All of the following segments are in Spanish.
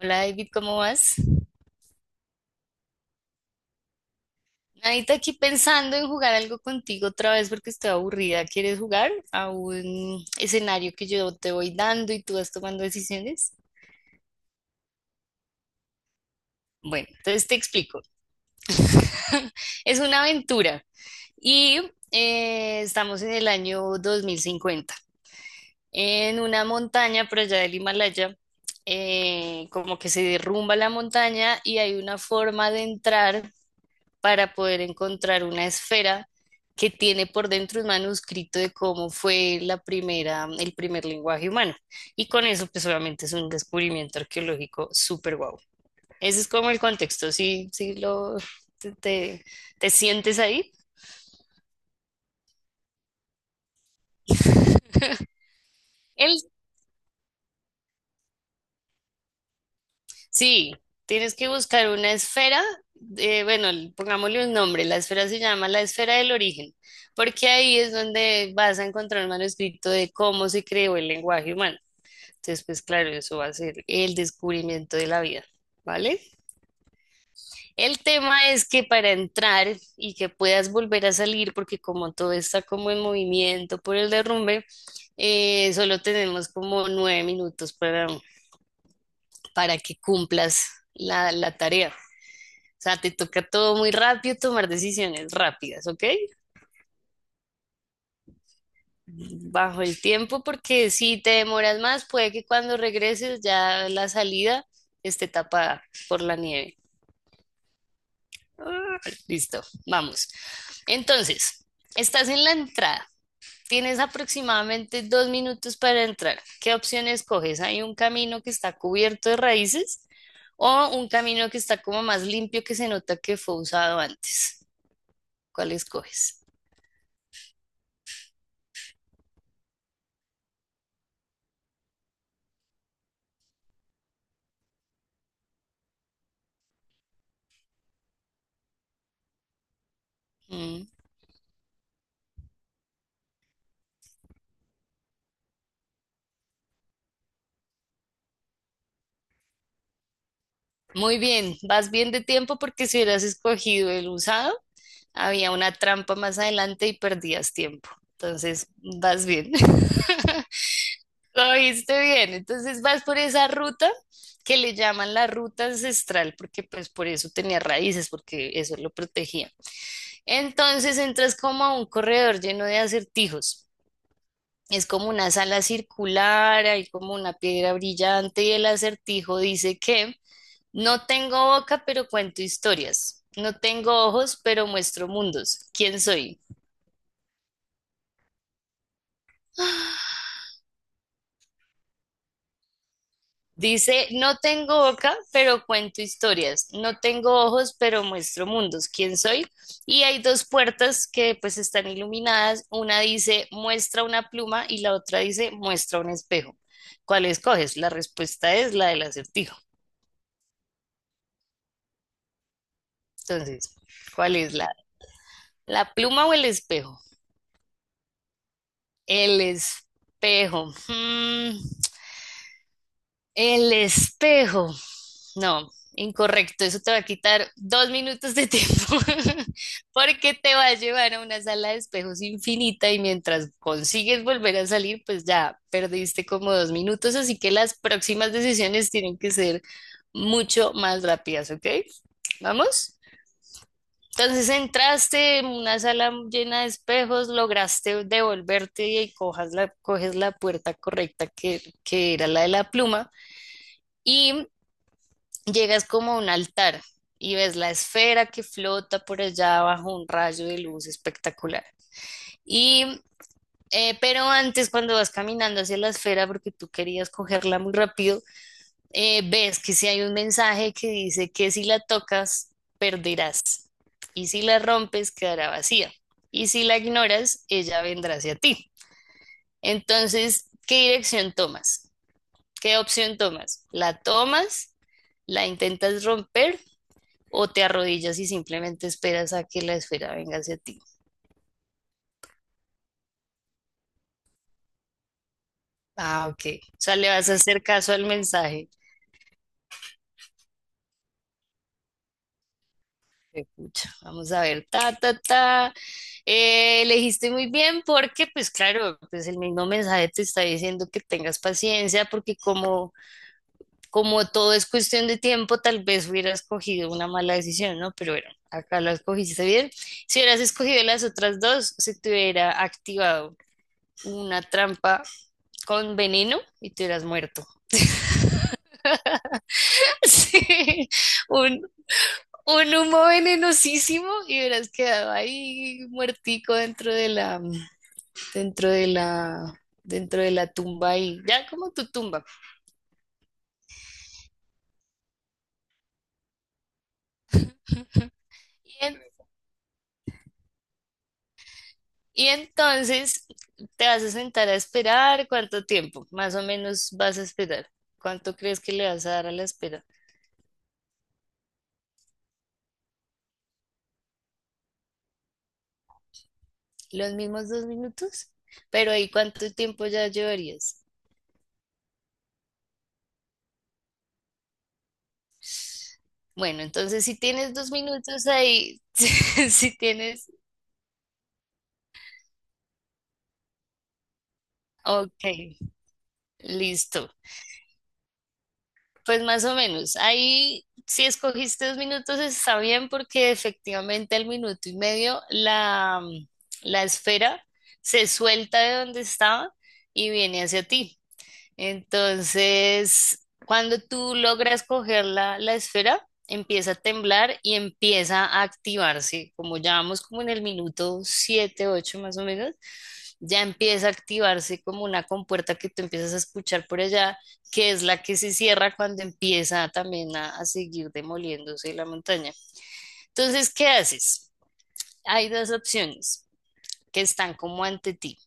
Hola David, ¿cómo vas? Nadita aquí pensando en jugar algo contigo otra vez porque estoy aburrida. ¿Quieres jugar a un escenario que yo te voy dando y tú vas tomando decisiones? Bueno, entonces te explico. Es una aventura y estamos en el año 2050, en una montaña por allá del Himalaya. Como que se derrumba la montaña y hay una forma de entrar para poder encontrar una esfera que tiene por dentro un manuscrito de cómo fue la primera, el primer lenguaje humano. Y con eso, pues obviamente es un descubrimiento arqueológico súper guau. Ese es como el contexto, si lo, te, te- te sientes ahí. El, sí, tienes que buscar una esfera, bueno, pongámosle un nombre, la esfera se llama la esfera del origen, porque ahí es donde vas a encontrar un manuscrito de cómo se creó el lenguaje humano. Entonces, pues claro, eso va a ser el descubrimiento de la vida, ¿vale? El tema es que para entrar y que puedas volver a salir, porque como todo está como en movimiento por el derrumbe, solo tenemos como 9 minutos para que cumplas la tarea. O sea, te toca todo muy rápido, tomar decisiones rápidas, ¿ok? Bajo el tiempo, porque si te demoras más, puede que cuando regreses ya la salida esté tapada por la nieve. Ah, listo, vamos. Entonces, estás en la entrada. Tienes aproximadamente 2 minutos para entrar. ¿Qué opción escoges? ¿Hay un camino que está cubierto de raíces o un camino que está como más limpio que se nota que fue usado antes? ¿Cuál escoges? Mm. Muy bien, vas bien de tiempo porque si hubieras escogido el usado, había una trampa más adelante y perdías tiempo. Entonces, vas bien. Lo viste bien, entonces vas por esa ruta que le llaman la ruta ancestral, porque pues por eso tenía raíces, porque eso lo protegía. Entonces entras como a un corredor lleno de acertijos. Es como una sala circular, hay como una piedra brillante y el acertijo dice que no tengo boca, pero cuento historias. No tengo ojos, pero muestro mundos. ¿Quién soy? Dice, no tengo boca, pero cuento historias. No tengo ojos, pero muestro mundos. ¿Quién soy? Y hay dos puertas que pues están iluminadas. Una dice, muestra una pluma y la otra dice, muestra un espejo. ¿Cuál escoges? La respuesta es la del acertijo. Entonces, ¿cuál es la pluma o el espejo? El espejo. El espejo. No, incorrecto. Eso te va a quitar 2 minutos de tiempo porque te va a llevar a una sala de espejos infinita y mientras consigues volver a salir, pues ya perdiste como 2 minutos. Así que las próximas decisiones tienen que ser mucho más rápidas, ¿ok? ¿Vamos? Entonces entraste en una sala llena de espejos, lograste devolverte y coges la puerta correcta que era la de la pluma. Y llegas como a un altar y ves la esfera que flota por allá bajo un rayo de luz espectacular. Y, pero antes, cuando vas caminando hacia la esfera, porque tú querías cogerla muy rápido, ves que si hay un mensaje que dice que si la tocas, perderás. Y si la rompes, quedará vacía. Y si la ignoras, ella vendrá hacia ti. Entonces, ¿qué dirección tomas? ¿Qué opción tomas? ¿La tomas? ¿La intentas romper? O te arrodillas y simplemente esperas a que la esfera venga hacia ti. Ah, ok. O sea, le vas a hacer caso al mensaje. Escucha, vamos a ver, ta, ta, ta. Elegiste muy bien porque, pues claro, pues el mismo mensaje te está diciendo que tengas paciencia porque como todo es cuestión de tiempo, tal vez hubieras cogido una mala decisión, ¿no? Pero bueno, acá la escogiste bien. Si hubieras escogido las otras dos, se te hubiera activado una trampa con veneno y te hubieras muerto. Sí, un, un humo venenosísimo y hubieras quedado ahí muertico dentro de la, dentro de la, dentro de la tumba y ya como tu tumba. Y, en- y entonces te vas a sentar a esperar cuánto tiempo, más o menos vas a esperar. ¿Cuánto crees que le vas a dar a la espera? Los mismos 2 minutos, pero ahí cuánto tiempo ya llevarías. Bueno, entonces si tienes 2 minutos ahí, si tienes, ok. Listo. Pues más o menos. Ahí, si escogiste 2 minutos, está bien porque efectivamente al minuto y medio la esfera se suelta de donde estaba y viene hacia ti. Entonces, cuando tú logras coger la esfera, empieza a temblar y empieza a activarse, como ya vamos como en el minuto 7 8 más o menos ya empieza a activarse como una compuerta que tú empiezas a escuchar por allá, que es la que se cierra cuando empieza también a seguir demoliéndose la montaña. Entonces, ¿qué haces? Hay dos opciones que están como ante ti.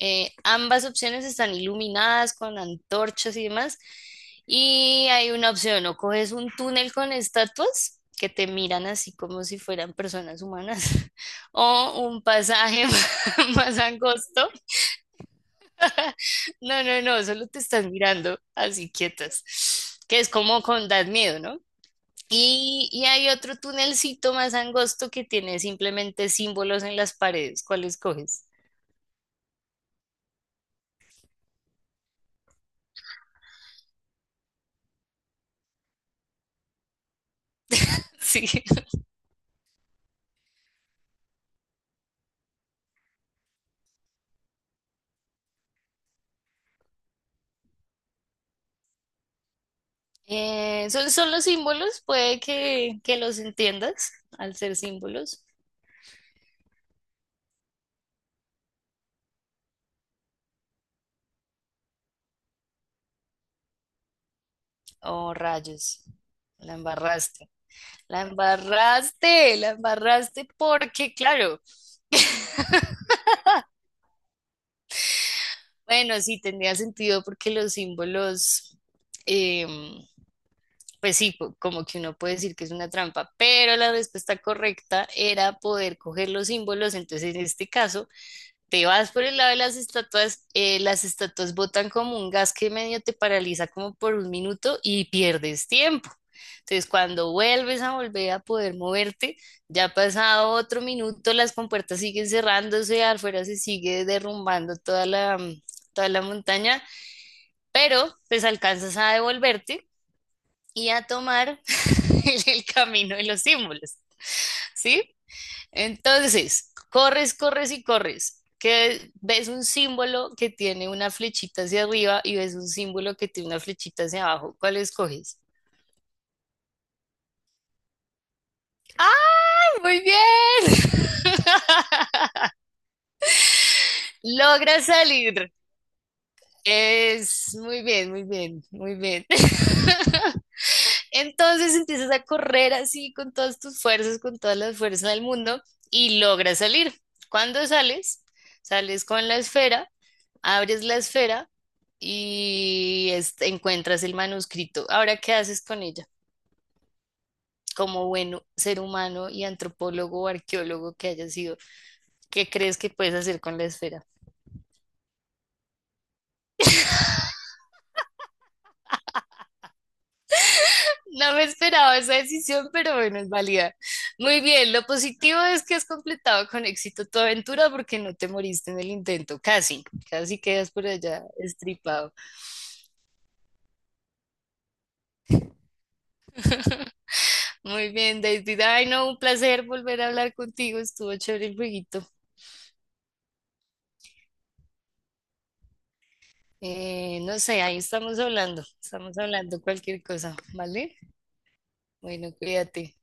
Ambas opciones están iluminadas con antorchas y demás. Y hay una opción, o coges un túnel con estatuas que te miran así como si fueran personas humanas, o un pasaje más angosto. No, no, no, solo te estás mirando así quietas, que es como con das miedo, ¿no? Y hay otro tunelcito más angosto que tiene simplemente símbolos en las paredes. ¿Cuáles coges? Sí. Son los símbolos, puede que los entiendas al ser símbolos. Oh, rayos, la embarraste. La embarraste, la embarraste porque, claro, bueno, sí, tenía sentido porque los símbolos... em, pues sí, como que uno puede decir que es una trampa, pero la respuesta correcta era poder coger los símbolos. Entonces, en este caso, te vas por el lado de las estatuas botan como un gas que medio te paraliza como por un minuto y pierdes tiempo. Entonces, cuando vuelves a volver a poder moverte, ya ha pasado otro minuto, las compuertas siguen cerrándose, afuera se sigue derrumbando toda la montaña, pero pues alcanzas a devolverte y a tomar el camino de los símbolos. ¿Sí? Entonces, corres, corres y corres, que ves un símbolo que tiene una flechita hacia arriba y ves un símbolo que tiene una flechita hacia abajo. ¿Cuál escoges? ¡Ah, muy bien! Logras salir. Es muy bien, muy bien, muy bien. Entonces empiezas a correr así con todas tus fuerzas, con todas las fuerzas del mundo y logras salir. Cuando sales, sales con la esfera, abres la esfera y este, encuentras el manuscrito. Ahora, ¿qué haces con ella? Como bueno ser humano y antropólogo o arqueólogo que hayas sido, ¿qué crees que puedes hacer con la esfera? No me esperaba esa decisión, pero bueno, es válida. Muy bien, lo positivo es que has completado con éxito tu aventura porque no te moriste en el intento, casi, casi quedas por allá estripado. Muy bien, David. Ay, no, un placer volver a hablar contigo, estuvo chévere el jueguito. No sé, ahí estamos hablando cualquier cosa, ¿vale? Bueno, cuídate.